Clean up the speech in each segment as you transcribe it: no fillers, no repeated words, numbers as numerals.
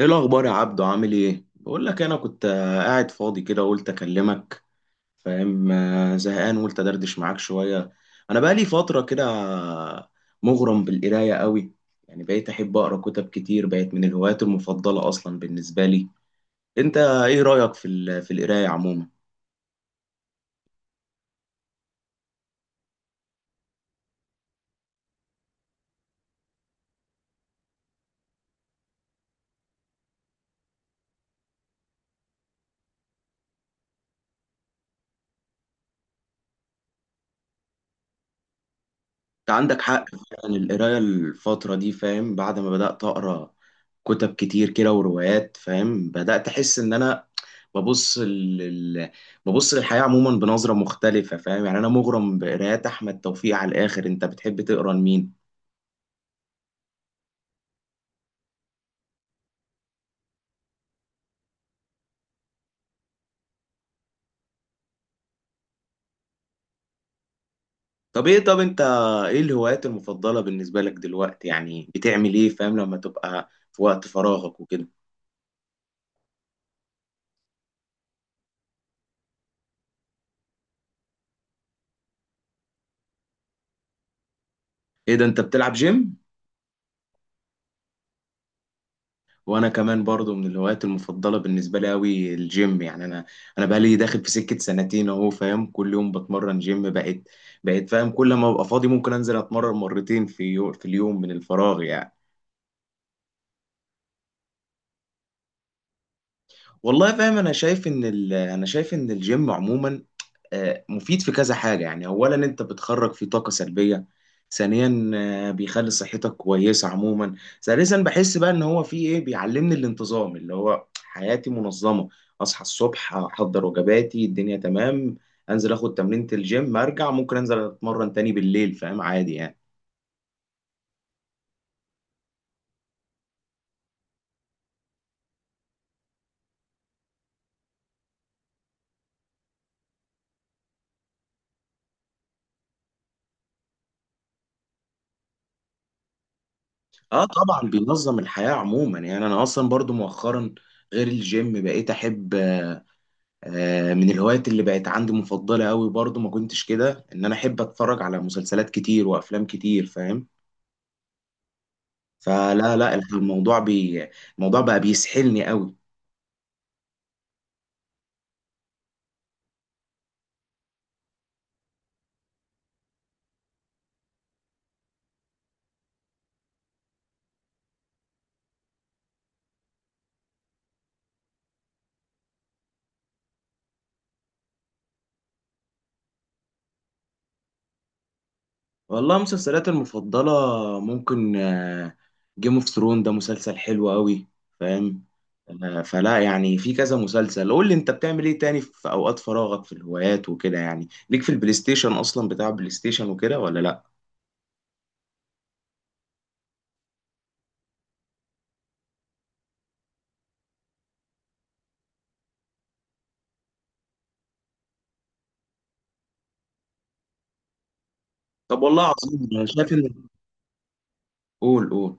ايه الاخبار يا عبدو؟ عامل ايه؟ بقول لك، انا كنت قاعد فاضي كده قلت اكلمك. فاهم؟ زهقان قلت ادردش معاك شويه. انا بقالي فتره كده، مغرم بالقرايه قوي. يعني بقيت احب اقرا كتب كتير، بقت من الهوايات المفضله اصلا بالنسبه لي. انت ايه رايك في القرايه عموما؟ انت عندك حق فعلا. القراية الفترة دي، فاهم، بعد ما بدأت أقرأ كتب كتير كده وروايات، فاهم، بدأت أحس إن أنا ببص لل... ببص للحياة عموما بنظرة مختلفة، فاهم. يعني أنا مغرم بقرايات أحمد توفيق على الآخر. أنت بتحب تقرأ لمين؟ طب إيه، طب أنت إيه الهوايات المفضلة بالنسبة لك دلوقتي؟ يعني بتعمل إيه، فاهم، لما تبقى في وقت فراغك وكده؟ إيه ده، أنت بتلعب جيم؟ وانا كمان برضو من الهوايات المفضله بالنسبه لي قوي الجيم. يعني انا بقى لي داخل في سكه سنتين اهو، فاهم، كل يوم بتمرن جيم. بقيت فاهم كل ما ابقى فاضي ممكن انزل اتمرن مرتين في اليوم، من الفراغ يعني. والله فاهم، انا شايف ان الجيم عموما مفيد في كذا حاجة. يعني أولا أنت بتخرج فيه طاقة سلبية. ثانيا، بيخلي صحتك كويسة عموما. ثالثا، بحس بقى إن هو فيه إيه، بيعلمني الانتظام، اللي هو حياتي منظمة. أصحى الصبح، أحضر وجباتي، الدنيا تمام، أنزل آخد تمرينة الجيم، أرجع ممكن أنزل أتمرن تاني بالليل، فاهم، عادي يعني. اه طبعا بينظم الحياة عموما. يعني انا اصلا برضو مؤخرا غير الجيم بقيت احب من الهوايات اللي بقت عندي مفضلة قوي برضو، ما كنتش كده، ان انا احب اتفرج على مسلسلات كتير وافلام كتير، فاهم. فلا لا، الموضوع بقى بيسحلني قوي. والله مسلسلاتي المفضلة، ممكن جيم اوف ثرون، ده مسلسل حلو قوي، فاهم. فلا يعني في كذا مسلسل. قول لي انت بتعمل ايه تاني في اوقات فراغك، في الهوايات وكده. يعني ليك في البلاي ستيشن اصلا؟ بتاع بلاي ستيشن وكده ولا لا؟ طب والله عظيم. انا شايف ان... قول قول.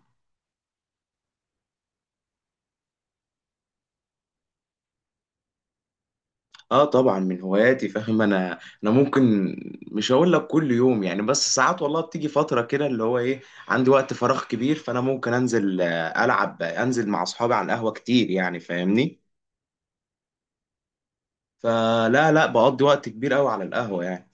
اه طبعا من هواياتي، فاهم. انا ممكن. مش هقول لك كل يوم يعني، بس ساعات والله بتيجي فتره كده اللي هو ايه، عندي وقت فراغ كبير، فانا ممكن انزل العب، انزل مع اصحابي على القهوه كتير يعني، فاهمني. فلا لا بقضي وقت كبير قوي على القهوه يعني.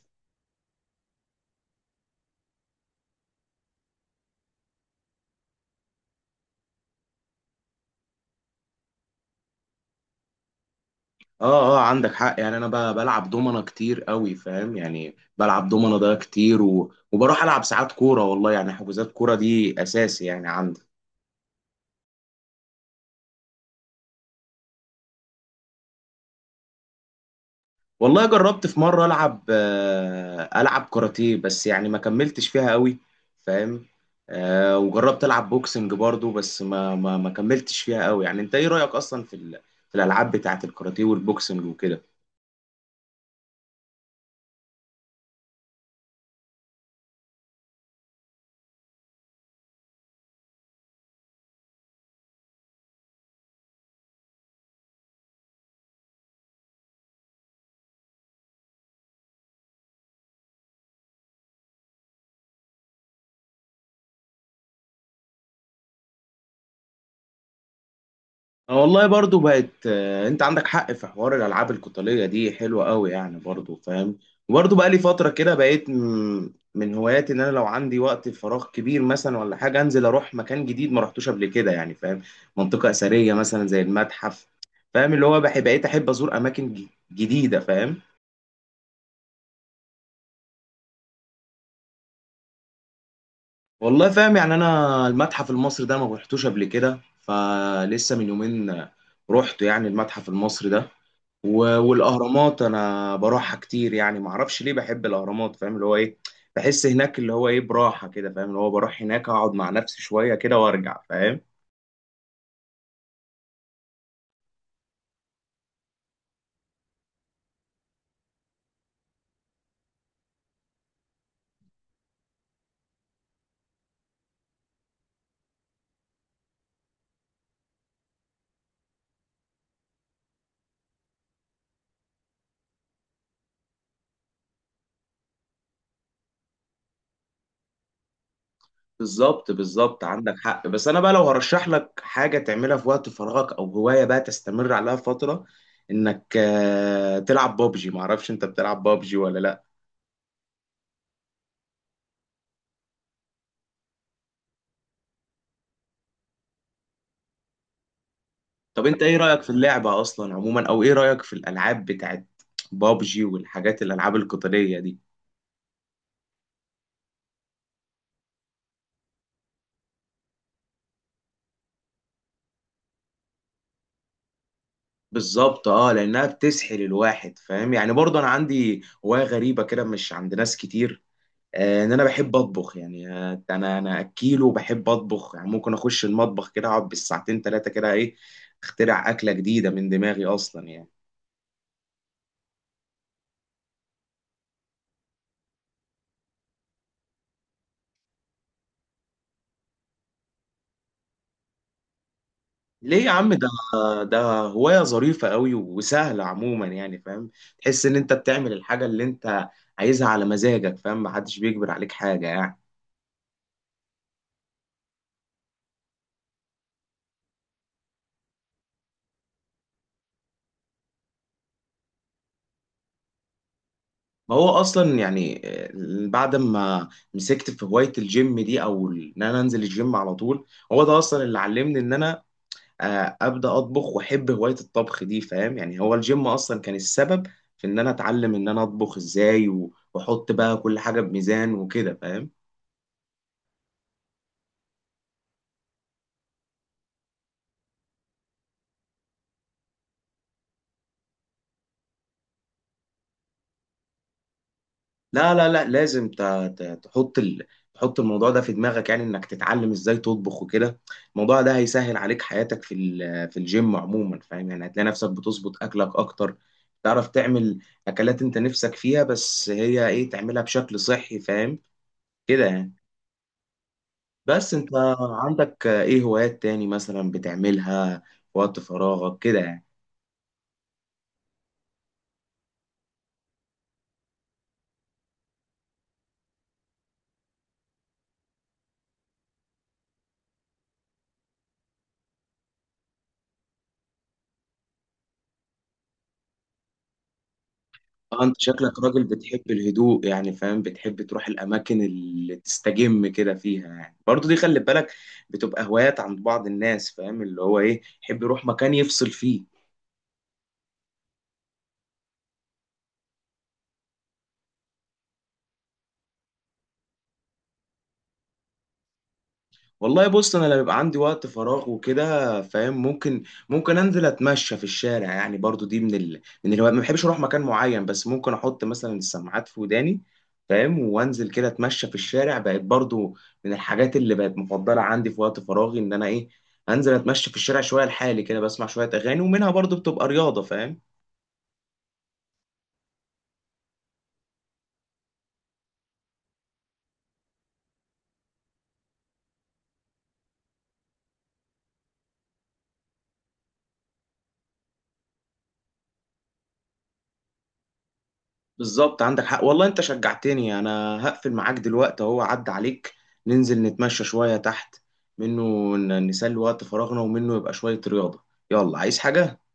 اه اه عندك حق. يعني انا بلعب دومنه كتير قوي، فاهم. يعني بلعب دومنه ده كتير، وبروح العب ساعات كوره، والله يعني حجوزات كوره دي اساسي يعني عندي. والله جربت في مرة ألعب ألعب كاراتيه، بس يعني ما كملتش فيها قوي، فاهم. وجربت ألعب بوكسنج برضو بس ما كملتش فيها قوي يعني. أنت إيه رأيك أصلا في الألعاب بتاعة الكاراتيه والبوكسنج وكده؟ آه والله برضو بقت، انت عندك حق في حوار الالعاب القتاليه دي، حلوه قوي يعني برضو، فاهم. وبرضو بقى لي فتره كده بقيت من هواياتي ان انا لو عندي وقت فراغ كبير مثلا ولا حاجه انزل اروح مكان جديد ما رحتوش قبل كده، يعني فاهم، منطقه اثريه مثلا زي المتحف، فاهم. اللي هو بحب، بقيت احب ازور اماكن جديده، فاهم. والله فاهم، يعني انا المتحف المصري ده ما رحتوش قبل كده. فلسه من يومين رحت يعني المتحف المصري ده، والاهرامات انا بروحها كتير يعني ما اعرفش ليه بحب الاهرامات، فاهم. اللي هو ايه، بحس هناك اللي هو ايه براحه كده، فاهم. اللي هو بروح هناك اقعد مع نفسي شويه كده وارجع، فاهم. بالظبط بالظبط عندك حق. بس انا بقى لو هرشح لك حاجه تعملها في وقت فراغك او هوايه بقى تستمر عليها فتره، انك تلعب بابجي. ما اعرفش انت بتلعب بابجي ولا لا؟ طب انت ايه رايك في اللعبه اصلا عموما، او ايه رايك في الالعاب بتاعت بابجي والحاجات الالعاب القتاليه دي؟ بالظبط اه، لانها بتسحل الواحد، فاهم. يعني برضه انا عندي هوايه غريبه كده مش عند ناس كتير، ان انا بحب اطبخ يعني. انا اكيل وبحب اطبخ. يعني ممكن اخش المطبخ كده اقعد بالساعتين ثلاثه كده، ايه، اخترع اكله جديده من دماغي اصلا يعني. ليه يا عم؟ ده هوايه ظريفه قوي وسهله عموما يعني، فاهم. تحس ان انت بتعمل الحاجه اللي انت عايزها على مزاجك، فاهم، محدش بيجبر عليك حاجه يعني. ما هو اصلا يعني، بعد ما مسكت في هوايه الجيم دي او ان انا انزل الجيم على طول، هو ده اصلا اللي علمني ان انا ابدا اطبخ واحب هوايه الطبخ دي، فاهم. يعني هو الجيم اصلا كان السبب في ان انا اتعلم ان انا اطبخ ازاي، واحط بقى كل حاجه بميزان وكده، فاهم. لا لا لا لازم تحط الموضوع ده في دماغك، يعني انك تتعلم ازاي تطبخ وكده. الموضوع ده هيسهل عليك حياتك في الجيم عموما، فاهم. يعني هتلاقي نفسك بتظبط اكلك اكتر، تعرف تعمل اكلات انت نفسك فيها، بس هي ايه تعملها بشكل صحي، فاهم، كده يعني. بس انت عندك ايه هوايات تاني مثلا بتعملها في وقت فراغك كده يعني؟ اه انت شكلك راجل بتحب الهدوء يعني، فاهم. بتحب تروح الاماكن اللي تستجم كده فيها يعني. برضو دي خلي بالك، بتبقى هوايات عند بعض الناس، فاهم، اللي هو ايه، يحب يروح مكان يفصل فيه. والله بص انا لما بيبقى عندي وقت فراغ وكده، فاهم، ممكن انزل اتمشى في الشارع. يعني برضو دي من الهوايات، ما بحبش اروح مكان معين، بس ممكن احط مثلا السماعات في وداني، فاهم، وانزل كده اتمشى في الشارع، بقت برضو من الحاجات اللي بقت مفضلة عندي في وقت فراغي ان انا ايه، انزل اتمشى في الشارع شوية لحالي كده، بسمع شوية اغاني، ومنها برضو بتبقى رياضة، فاهم. بالظبط عندك حق والله، انت شجعتني. انا هقفل معاك دلوقتي اهو، عدى عليك، ننزل نتمشى شوية تحت منه، نسلي وقت فراغنا، ومنه يبقى شوية رياضة. يلا، عايز حاجة؟